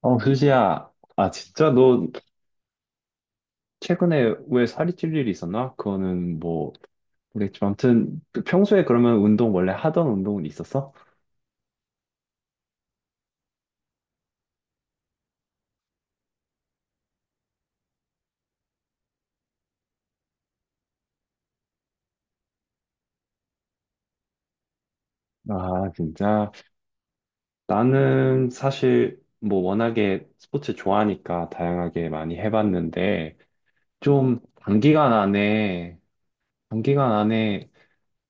어, 수지야. 아, 진짜 너 최근에 왜 살이 찔 일이 있었나? 그거는 뭐, 모르겠지만. 아무튼, 평소에 그러면 원래 하던 운동은 있었어? 아, 진짜. 나는 사실 뭐 워낙에 스포츠 좋아하니까 다양하게 많이 해봤는데, 좀 단기간 안에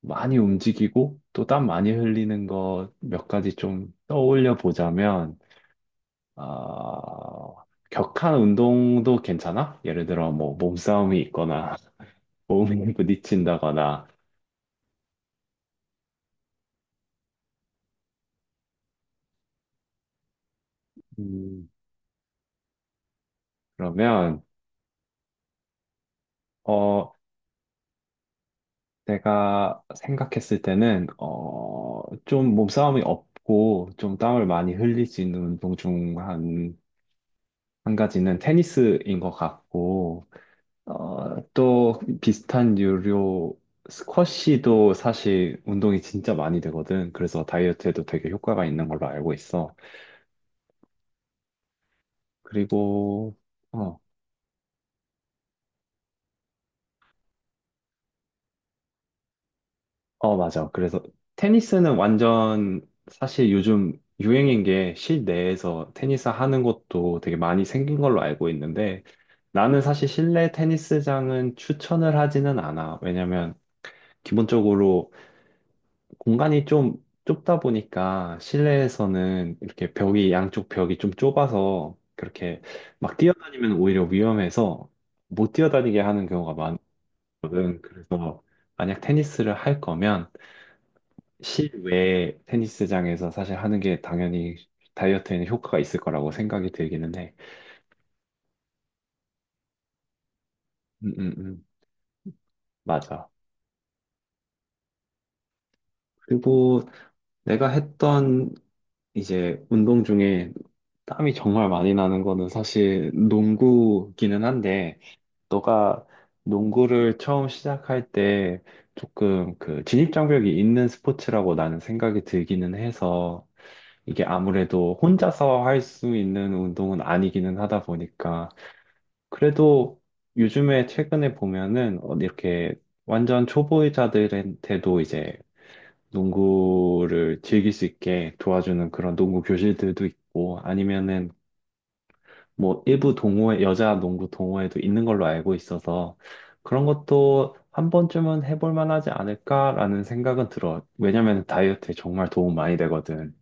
많이 움직이고, 또 땀 많이 흘리는 거 몇 가지 좀 떠올려 보자면, 어, 격한 운동도 괜찮아? 예를 들어 뭐 몸싸움이 있거나 몸이 부딪힌다거나. 음, 그러면, 어 내가 생각했을 때는 어좀 몸싸움이 없고 좀 땀을 많이 흘릴 수 있는 운동 중 한 가지는 테니스인 것 같고, 어또 비슷한 유료 스쿼시도 사실 운동이 진짜 많이 되거든. 그래서 다이어트에도 되게 효과가 있는 걸로 알고 있어. 그리고, 어, 어, 맞아. 그래서 테니스는 완전, 사실 요즘 유행인 게 실내에서 테니스 하는 것도 되게 많이 생긴 걸로 알고 있는데, 나는 사실 실내 테니스장은 추천을 하지는 않아. 왜냐면 기본적으로 공간이 좀 좁다 보니까 실내에서는 이렇게 양쪽 벽이 좀 좁아서, 그렇게 막 뛰어다니면 오히려 위험해서 못 뛰어다니게 하는 경우가 많, 거든. 그래서 만약 테니스를 할 거면 실외 테니스장에서 사실 하는 게 당연히 다이어트에는 효과가 있을 거라고 생각이 들기는 해. 음, 음, 음. 맞아. 그리고 내가 했던 이제 운동 중에 땀이 정말 많이 나는 거는 사실 농구기는 한데, 너가 농구를 처음 시작할 때 조금 그 진입장벽이 있는 스포츠라고 나는 생각이 들기는 해서, 이게 아무래도 혼자서 할 수 있는 운동은 아니기는 하다 보니까. 그래도 요즘에 최근에 보면은, 이렇게 완전 초보자들한테도 이제 농구를 즐길 수 있게 도와주는 그런 농구 교실들도 있고, 아니면은 뭐 일부 동호회, 여자 농구 동호회도 있는 걸로 알고 있어서, 그런 것도 한 번쯤은 해볼 만하지 않을까라는 생각은 들어. 왜냐면 다이어트에 정말 도움 많이 되거든.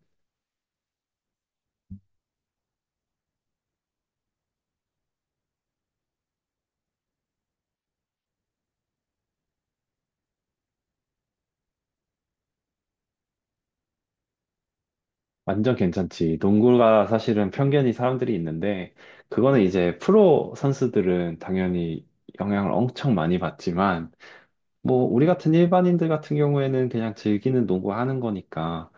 완전 괜찮지. 농구가 사실은 편견이 사람들이 있는데, 그거는 이제 프로 선수들은 당연히 영향을 엄청 많이 받지만, 뭐, 우리 같은 일반인들 같은 경우에는 그냥 즐기는 농구 하는 거니까,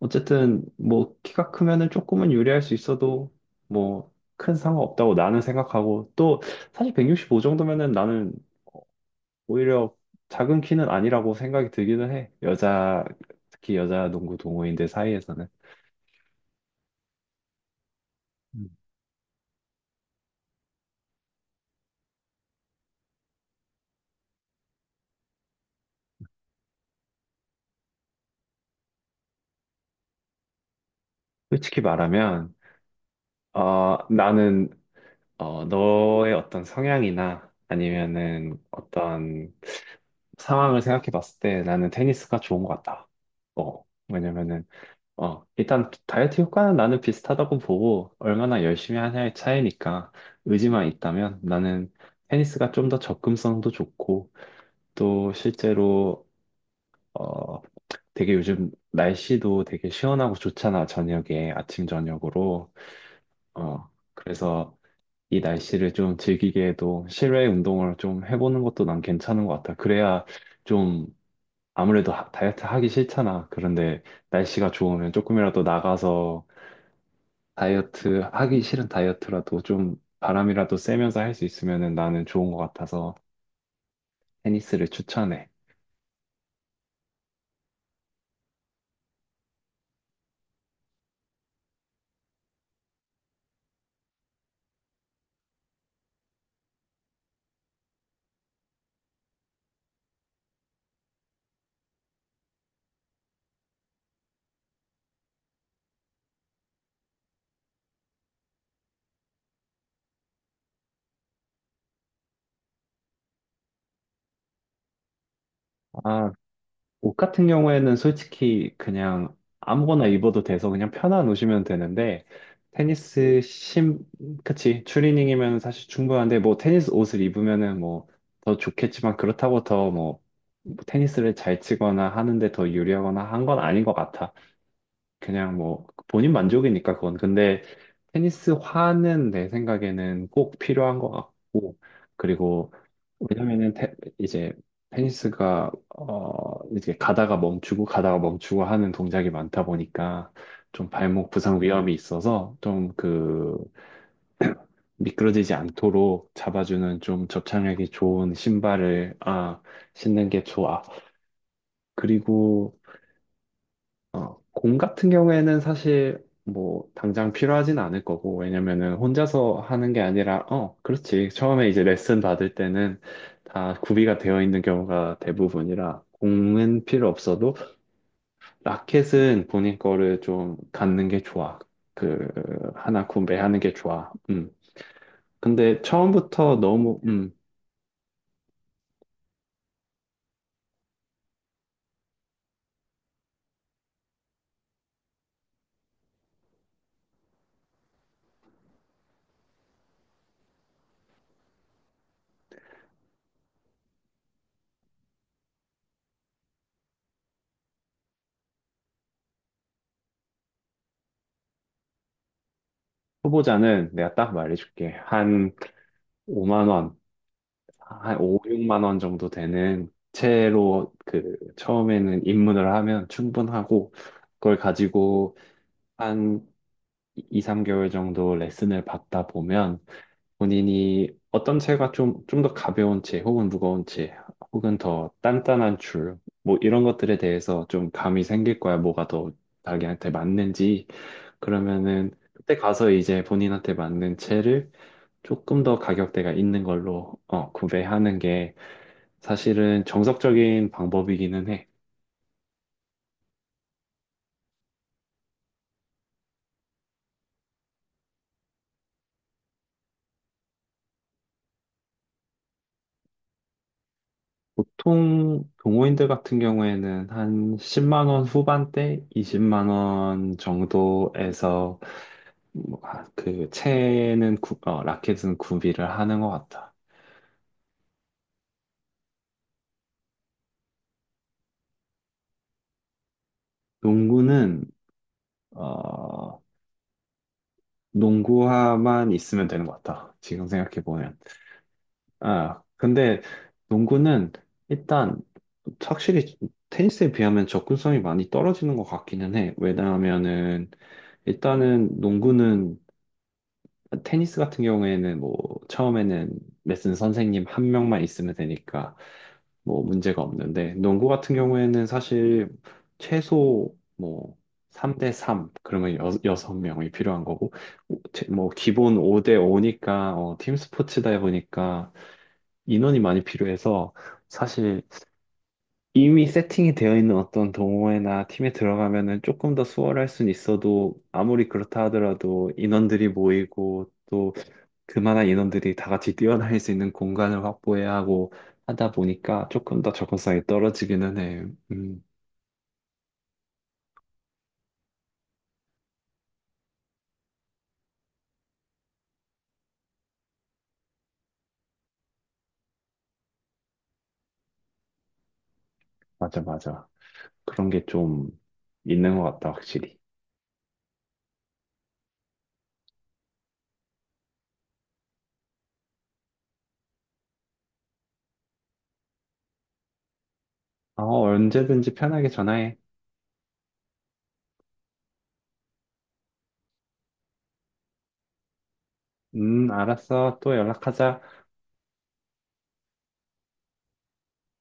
어쨌든, 뭐, 키가 크면은 조금은 유리할 수 있어도, 뭐, 큰 상관없다고 나는 생각하고, 또, 사실 165 정도면은 나는 오히려 작은 키는 아니라고 생각이 들기는 해. 여자, 특히 여자 농구 동호인들 사이에서는. 음. 솔직히 말하면, 나는, 너의 어떤 성향이나 아니면은 어떤 상황을 생각해 봤을 때 나는 테니스가 좋은 것 같다. 어, 왜냐면은, 일단 다이어트 효과는 나는 비슷하다고 보고 얼마나 열심히 하냐의 차이니까, 의지만 있다면 나는 테니스가 좀 더 접근성도 좋고, 또 실제로 어, 되게 요즘 날씨도 되게 시원하고 좋잖아. 저녁에, 아침 저녁으로. 어, 그래서 이 날씨를 좀 즐기게 해도 실외 운동을 좀 해보는 것도 난 괜찮은 것 같아. 그래야 좀 아무래도, 다이어트 하기 싫잖아. 그런데 날씨가 좋으면 조금이라도 나가서 다이어트 하기 싫은 다이어트라도 좀 바람이라도 쐬면서 할 수 있으면 나는 좋은 것 같아서 테니스를 추천해. 아, 옷 같은 경우에는 솔직히 그냥 아무거나 입어도 돼서 그냥 편한 옷이면 되는데, 테니스 심, 그치. 추리닝이면 사실 충분한데, 뭐 테니스 옷을 입으면은 뭐 더 좋겠지만, 그렇다고 더 뭐 테니스를 잘 치거나 하는데 더 유리하거나 한 건 아닌 것 같아. 그냥 뭐 본인 만족이니까, 그건. 근데 테니스화는 내 생각에는 꼭 필요한 것 같고, 그리고, 왜냐면은 이제 테니스가 이제 가다가 멈추고 가다가 멈추고 하는 동작이 많다 보니까, 좀 발목 부상 위험이 있어서 좀 그 미끄러지지 않도록 잡아주는 좀 접착력이 좋은 신발을 신는 게 좋아. 그리고, 공 같은 경우에는 사실 뭐 당장 필요하진 않을 거고, 왜냐면은 혼자서 하는 게 아니라. 그렇지, 처음에 이제 레슨 받을 때는 다 구비가 되어 있는 경우가 대부분이라 공은 필요 없어도, 라켓은 본인 거를 좀 갖는 게 좋아. 그 하나 구매하는 게 좋아. 근데 처음부터 너무, 초보자는 내가 딱 말해줄게. 한 5만 원, 한 5, 6만 원 정도 되는 채로 그 처음에는 입문을 하면 충분하고, 그걸 가지고 한 2, 3개월 정도 레슨을 받다 보면 본인이 어떤 채가, 좀 더 가벼운 채 혹은 무거운 채 혹은 더 단단한 줄 뭐 이런 것들에 대해서 좀 감이 생길 거야. 뭐가 더 자기한테 맞는지. 그러면은 그때 가서 이제 본인한테 맞는 채를 조금 더 가격대가 있는 걸로, 구매하는 게 사실은 정석적인 방법이기는 해. 보통 동호인들 같은 경우에는 한 10만 원 후반대, 20만 원 정도에서 뭐, 아, 라켓은 구비를 하는 것 같아. 농구는, 어, 농구화만 있으면 되는 것 같다. 지금 생각해 보면. 아, 근데 농구는 일단 확실히 테니스에 비하면 접근성이 많이 떨어지는 것 같기는 해. 왜냐하면은 일단은 농구는 테니스 같은 경우에는 뭐 처음에는 레슨 선생님 한 명만 있으면 되니까 뭐 문제가 없는데, 농구 같은 경우에는 사실 최소 뭐 3대 3, 그러면 여섯 명이 필요한 거고, 뭐 기본 5대 5니까 팀 스포츠다 보니까 인원이 많이 필요해서, 사실 이미 세팅이 되어 있는 어떤 동호회나 팀에 들어가면은 조금 더 수월할 순 있어도 아무리 그렇다 하더라도 인원들이 모이고, 또 그만한 인원들이 다 같이 뛰어다닐 수 있는 공간을 확보해야 하고 하다 보니까 조금 더 접근성이 떨어지기는 해. 음, 맞아, 맞아. 그런 게 좀 있는 것 같다, 확실히. 언제든지 편하게 전화해. 알았어. 또 연락하자.